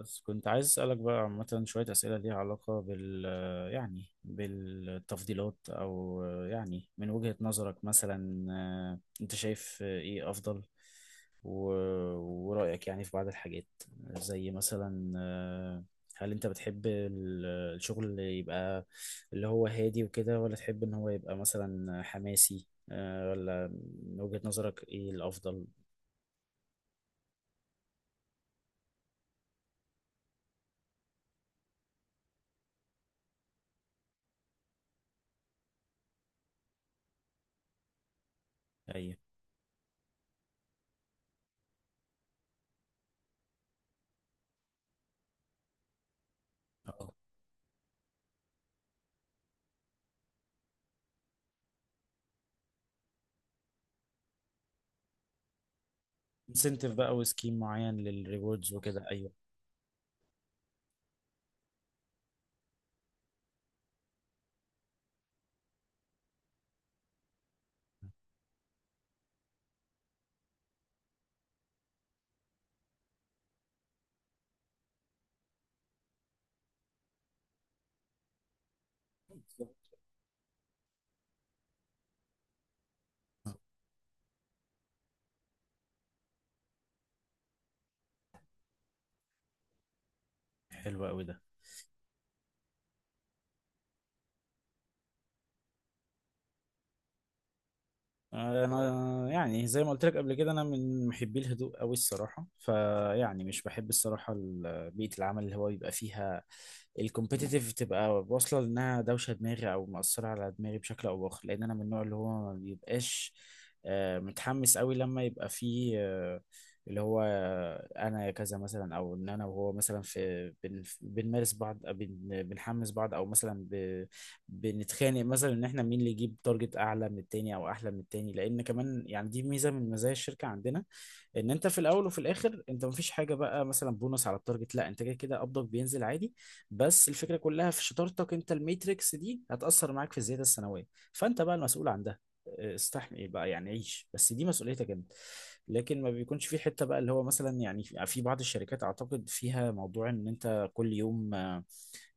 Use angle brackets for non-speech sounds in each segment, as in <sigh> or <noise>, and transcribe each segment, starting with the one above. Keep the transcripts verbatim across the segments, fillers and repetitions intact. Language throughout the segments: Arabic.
بس كنت عايز أسألك بقى عامة شوية أسئلة ليها علاقة بال يعني بالتفضيلات، أو يعني من وجهة نظرك مثلا آه، أنت شايف إيه أفضل و- ورأيك يعني في بعض الحاجات. زي مثلا آه، هل أنت بتحب ال- الشغل اللي يبقى اللي هو هادي وكده، ولا تحب إن هو يبقى مثلا حماسي آه، ولا من وجهة نظرك إيه الأفضل؟ أيوه. انسنتيف بقى وسكيم معين للريوردز وكده، أيوه. حلو قوي ده. انا يعني زي ما قلت لك قبل كده، انا من محبي الهدوء قوي الصراحه، فيعني مش بحب الصراحه ال- بيئه العمل اللي هو يبقى فيها الكومبيتيتيف تبقى واصله، لانها دوشه دماغي او مأثره على دماغي بشكل او باخر، لان انا من النوع اللي هو ما بيبقاش آه، متحمس قوي، لما يبقى فيه آه، اللي هو آه، انا كذا مثلا، او ان انا وهو مثلا في بن بنمارس بعض، بن بنحمس بعض، او مثلا ب بنتخانق مثلا ان احنا مين اللي يجيب تارجت اعلى من التاني او احلى من التاني، لان كمان يعني دي ميزه من مزايا الشركه عندنا. ان انت في الاول وفي الاخر انت مفيش حاجه بقى مثلا بونص على التارجت، لا انت كده كده قبضك بينزل عادي، بس الفكره كلها في شطارتك انت. الميتريكس دي هتاثر معاك في الزياده السنويه، فانت بقى المسؤول عن ده. استحمل إيه بقى، يعني عيش بس دي مسؤوليتك انت. لكن ما بيكونش في حته بقى اللي هو مثلا يعني في في بعض الشركات اعتقد فيها موضوع ان انت كل يوم آه،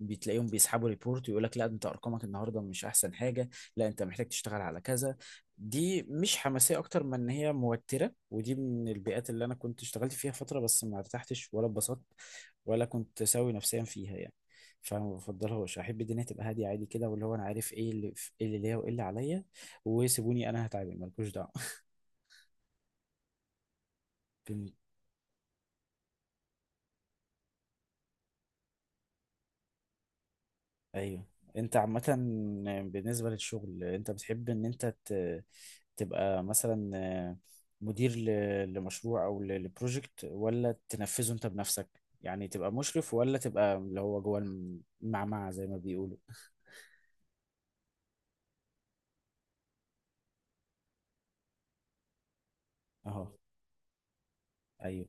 بتلاقيهم بيسحبوا ريبورت ويقول لك لا انت ارقامك النهارده مش احسن حاجه، لا انت محتاج تشتغل على كذا. دي مش حماسيه اكتر من ان هي موتره، ودي من البيئات اللي انا كنت اشتغلت فيها فتره، بس ما ارتحتش ولا اتبسطت ولا كنت سوي نفسيا فيها يعني. فما بفضلهاش، احب الدنيا تبقى هاديه عادي كده، واللي هو انا عارف ايه اللي ايه اللي ليا وايه اللي عليا، وسيبوني انا هتعامل، مالكوش دعوه. بن- ايوه. انت عامه بالنسبه للشغل انت بتحب ان انت ت- تبقى مثلا مدير ل- لمشروع او ل- لبروجكت، ولا تنفذه انت بنفسك؟ يعني تبقى مشرف ولا تبقى اللي هو جوه المعمعة زي ما بيقولوا. اهو. ايوه،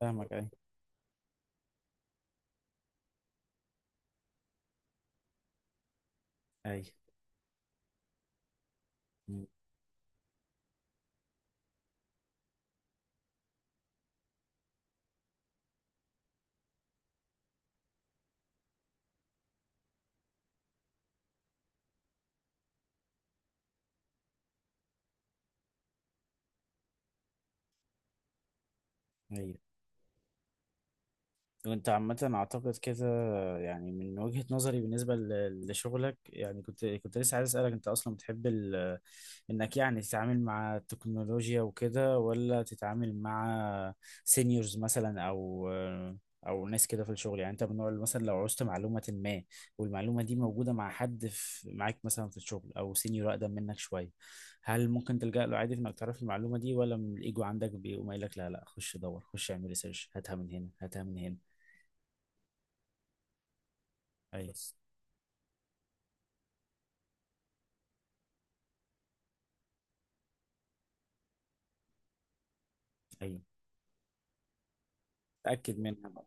فاهمك. ايوه، ايوه. مم. ايوه. وانت عامة اعتقد كده، يعني من وجهة نظري بالنسبة ل- لشغلك، يعني كنت كنت لسه عايز اسألك، انت اصلا بتحب ال... انك يعني تتعامل مع التكنولوجيا وكده، ولا تتعامل مع سينيورز مثلا، او او ناس كده في الشغل. يعني انت من النوع اللي مثلا لو عوزت معلومة ما، والمعلومة دي موجودة مع حد في معاك مثلا في الشغل او سينيور اقدم منك شوية، هل ممكن تلجأ له عادي في انك تعرف المعلومة دي، ولا من الايجو عندك بيقوم قايل لك لا لا خش دور، خش اعمل ريسيرش، هاتها من هنا هاتها من هنا؟ ايوه. ايوه، تأكد منها بقى.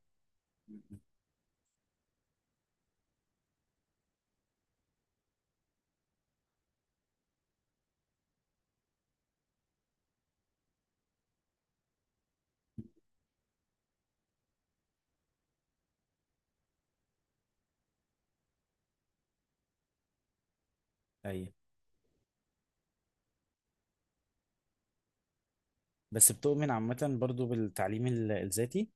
ايوه. بس بتؤمن عامة برضو بالتعليم ال- الذاتي؟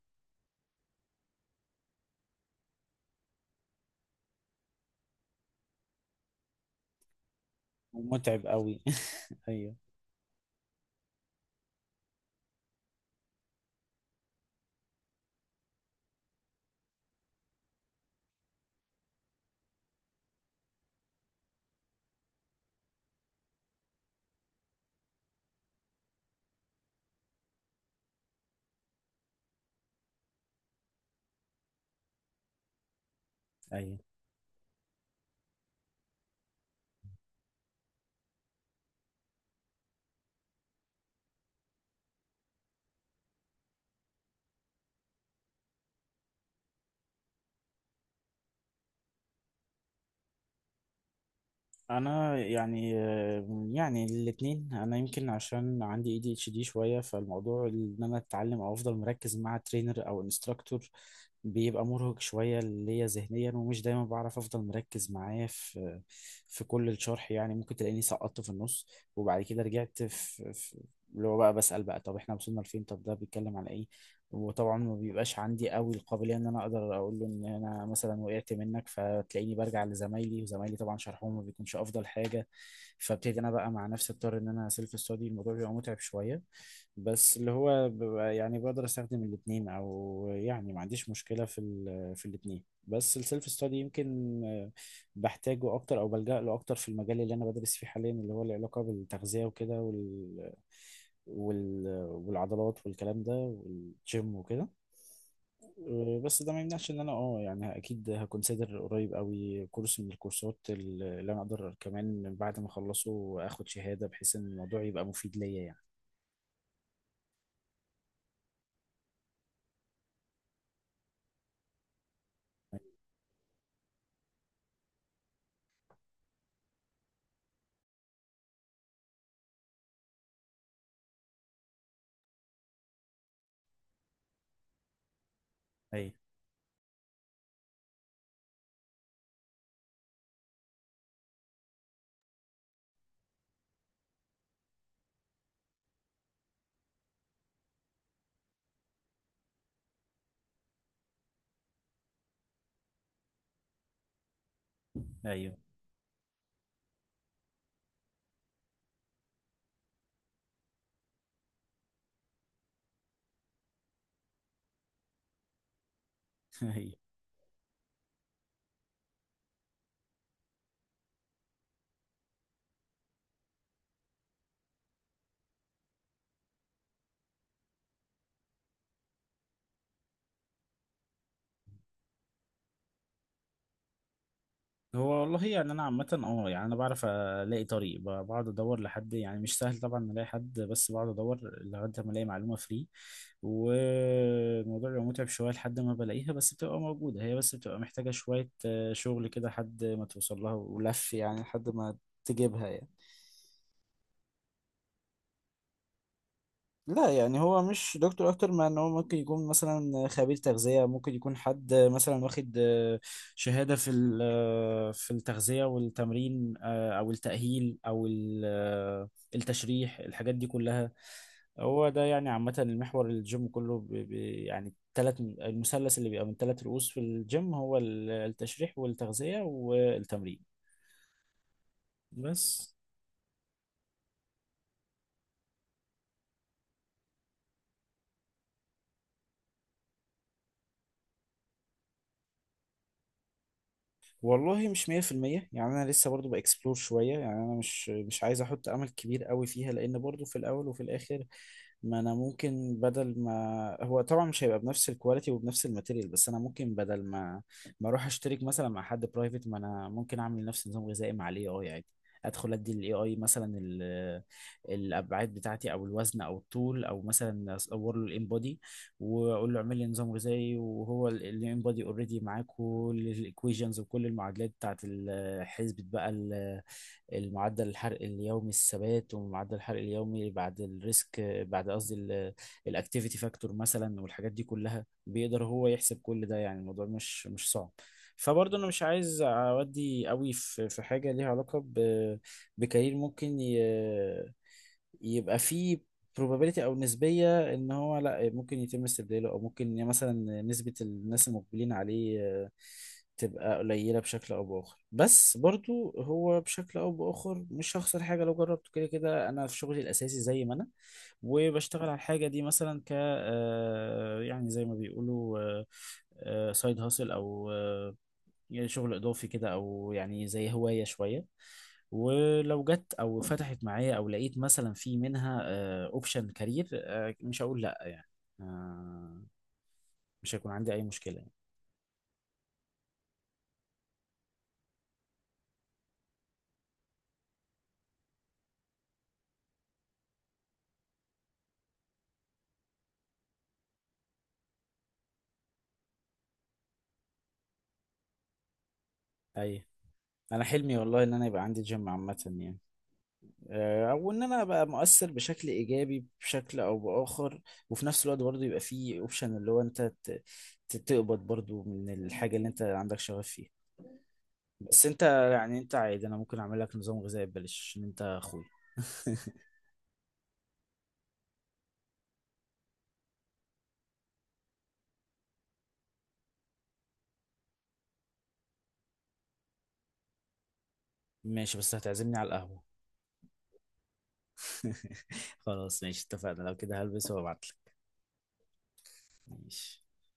ومتعب قوي <laughs> ايوه. ايوه، انا يعني يعني الاثنين، انا يمكن عشان عندي اي دي اتش دي شويه، فالموضوع ان انا اتعلم او افضل مركز مع ترينر او انستراكتور بيبقى مرهق شويه ليا ذهنيا، ومش دايما بعرف افضل مركز معاه في في كل الشرح، يعني ممكن تلاقيني سقطت في النص، وبعد كده رجعت في, في اللي هو بقى بسأل بقى طب احنا وصلنا لفين، طب ده بيتكلم على ايه. وطبعا ما بيبقاش عندي قوي القابليه ان انا اقدر اقول له ان انا مثلا وقعت منك، فتلاقيني برجع لزمايلي، وزمايلي طبعا شرحهم ما بيكونش افضل حاجه، فابتدي انا بقى مع نفسي اضطر ان انا سيلف ستادي. الموضوع بيبقى متعب شويه، بس اللي هو ببقى يعني بقدر استخدم الاثنين، او يعني ما عنديش مشكله في ال- في الاثنين، بس السيلف ستادي يمكن آه، بحتاجه اكتر او بلجأ له اكتر في المجال اللي انا بدرس فيه حاليا، اللي هو له علاقه بالتغذيه وكده، وال وال والعضلات والكلام ده والجيم وكده. أه، بس ده ما يمنعش ان انا اه يعني اكيد هكونسيدر قريب قوي كورس من الكورسات اللي انا اقدر كمان بعد ما اخلصه اخد شهادة، بحيث ان الموضوع يبقى مفيد ليا يعني. ايوه. ايوه. <laughs> ايوه. هو والله يعني انا عامه اه يعني انا بعرف الاقي طريق، ب- بقعد ادور لحد، يعني مش سهل طبعا الاقي حد، بس بقعد ادور لغايه ما الاقي معلومه فري، والموضوع بيبقى متعب شويه لحد ما بلاقيها، بس بتبقى موجوده هي، بس بتبقى محتاجه شويه آه، شغل كده لحد ما توصل لها ولف، يعني لحد ما تجيبها يعني. لا يعني هو مش دكتور، اكتر ما ان هو ممكن يكون مثلا خبير تغذية، ممكن يكون حد مثلا واخد آه، شهادة في ال- آه، في التغذية والتمرين، آه، او التأهيل، او ال- آه، التشريح، الحاجات دي كلها. هو ده يعني عامة المحور، الجيم كله ب- ب- يعني تلات المثلث اللي بيبقى من ثلاث رؤوس في الجيم هو ال- التشريح والتغذية والتمرين. بس. والله مش مية في المية، يعني انا لسه برضو باكسبلور شويه، يعني انا مش مش عايز احط امل كبير قوي فيها، لان برضو في الاول وفي الاخر، ما انا ممكن بدل ما، هو طبعا مش هيبقى بنفس الكواليتي وبنفس الماتيريال، بس انا ممكن بدل ما ما اروح اشترك مثلا مع حد برايفت، ما انا ممكن اعمل نفس نظام غذائي مع الاي اي عادي. ادخل ادي للاي اي مثلا ال- الابعاد بتاعتي، او الوزن، او الطول، او مثلا اصور له الان واقول له اعمل لي نظام غذائي، وهو اللي انبادي اوريدي معاه كل الايكويشنز وكل المعادلات بتاعت ال- حسبة بقى ال- المعدل الحرق اليومي الثبات، ومعدل الحرق اليومي بعد الريسك، بعد، قصدي الاكتيفيتي فاكتور مثلا، والحاجات دي كلها بيقدر هو يحسب كل ده، يعني الموضوع مش مش صعب. فبرضه انا مش عايز اودي قوي في في حاجه ليها علاقه ب- بكارير ممكن يبقى في probability، او نسبيه ان هو لا ممكن يتم استبداله، او ممكن يعني مثلا نسبه الناس المقبلين عليه آه، تبقى قليله بشكل او باخر. بس برضو هو بشكل او باخر مش هخسر حاجه لو جربته، كده كده انا في شغلي الاساسي زي ما انا، وبشتغل على الحاجه دي مثلا ك آه، يعني زي ما بيقولوا سايد هاسل، او آه، يعني شغل اضافي كده، او يعني زي هواية شوية. ولو جت او فتحت معايا او لقيت مثلا في منها اوبشن كارير آه، مش هقول لا يعني. آه، مش هيكون عندي اي مشكلة يعني. اي. انا حلمي والله ان انا يبقى عندي جيم عامة يعني. آه، او ان انا ابقى مؤثر بشكل ايجابي بشكل او باخر، وفي نفس الوقت برضه يبقى في اوبشن اللي هو انت ت- ت- تقبض برضه من الحاجة اللي انت عندك شغف فيها. بس انت يعني انت عادي، انا ممكن اعمل لك نظام غذائي ببلاش، ان انت اخويا. ماشي، بس هتعزمني على القهوة. <laughs> خلاص ماشي، اتفقنا، لو كده هلبس وابعتلك. ماشي.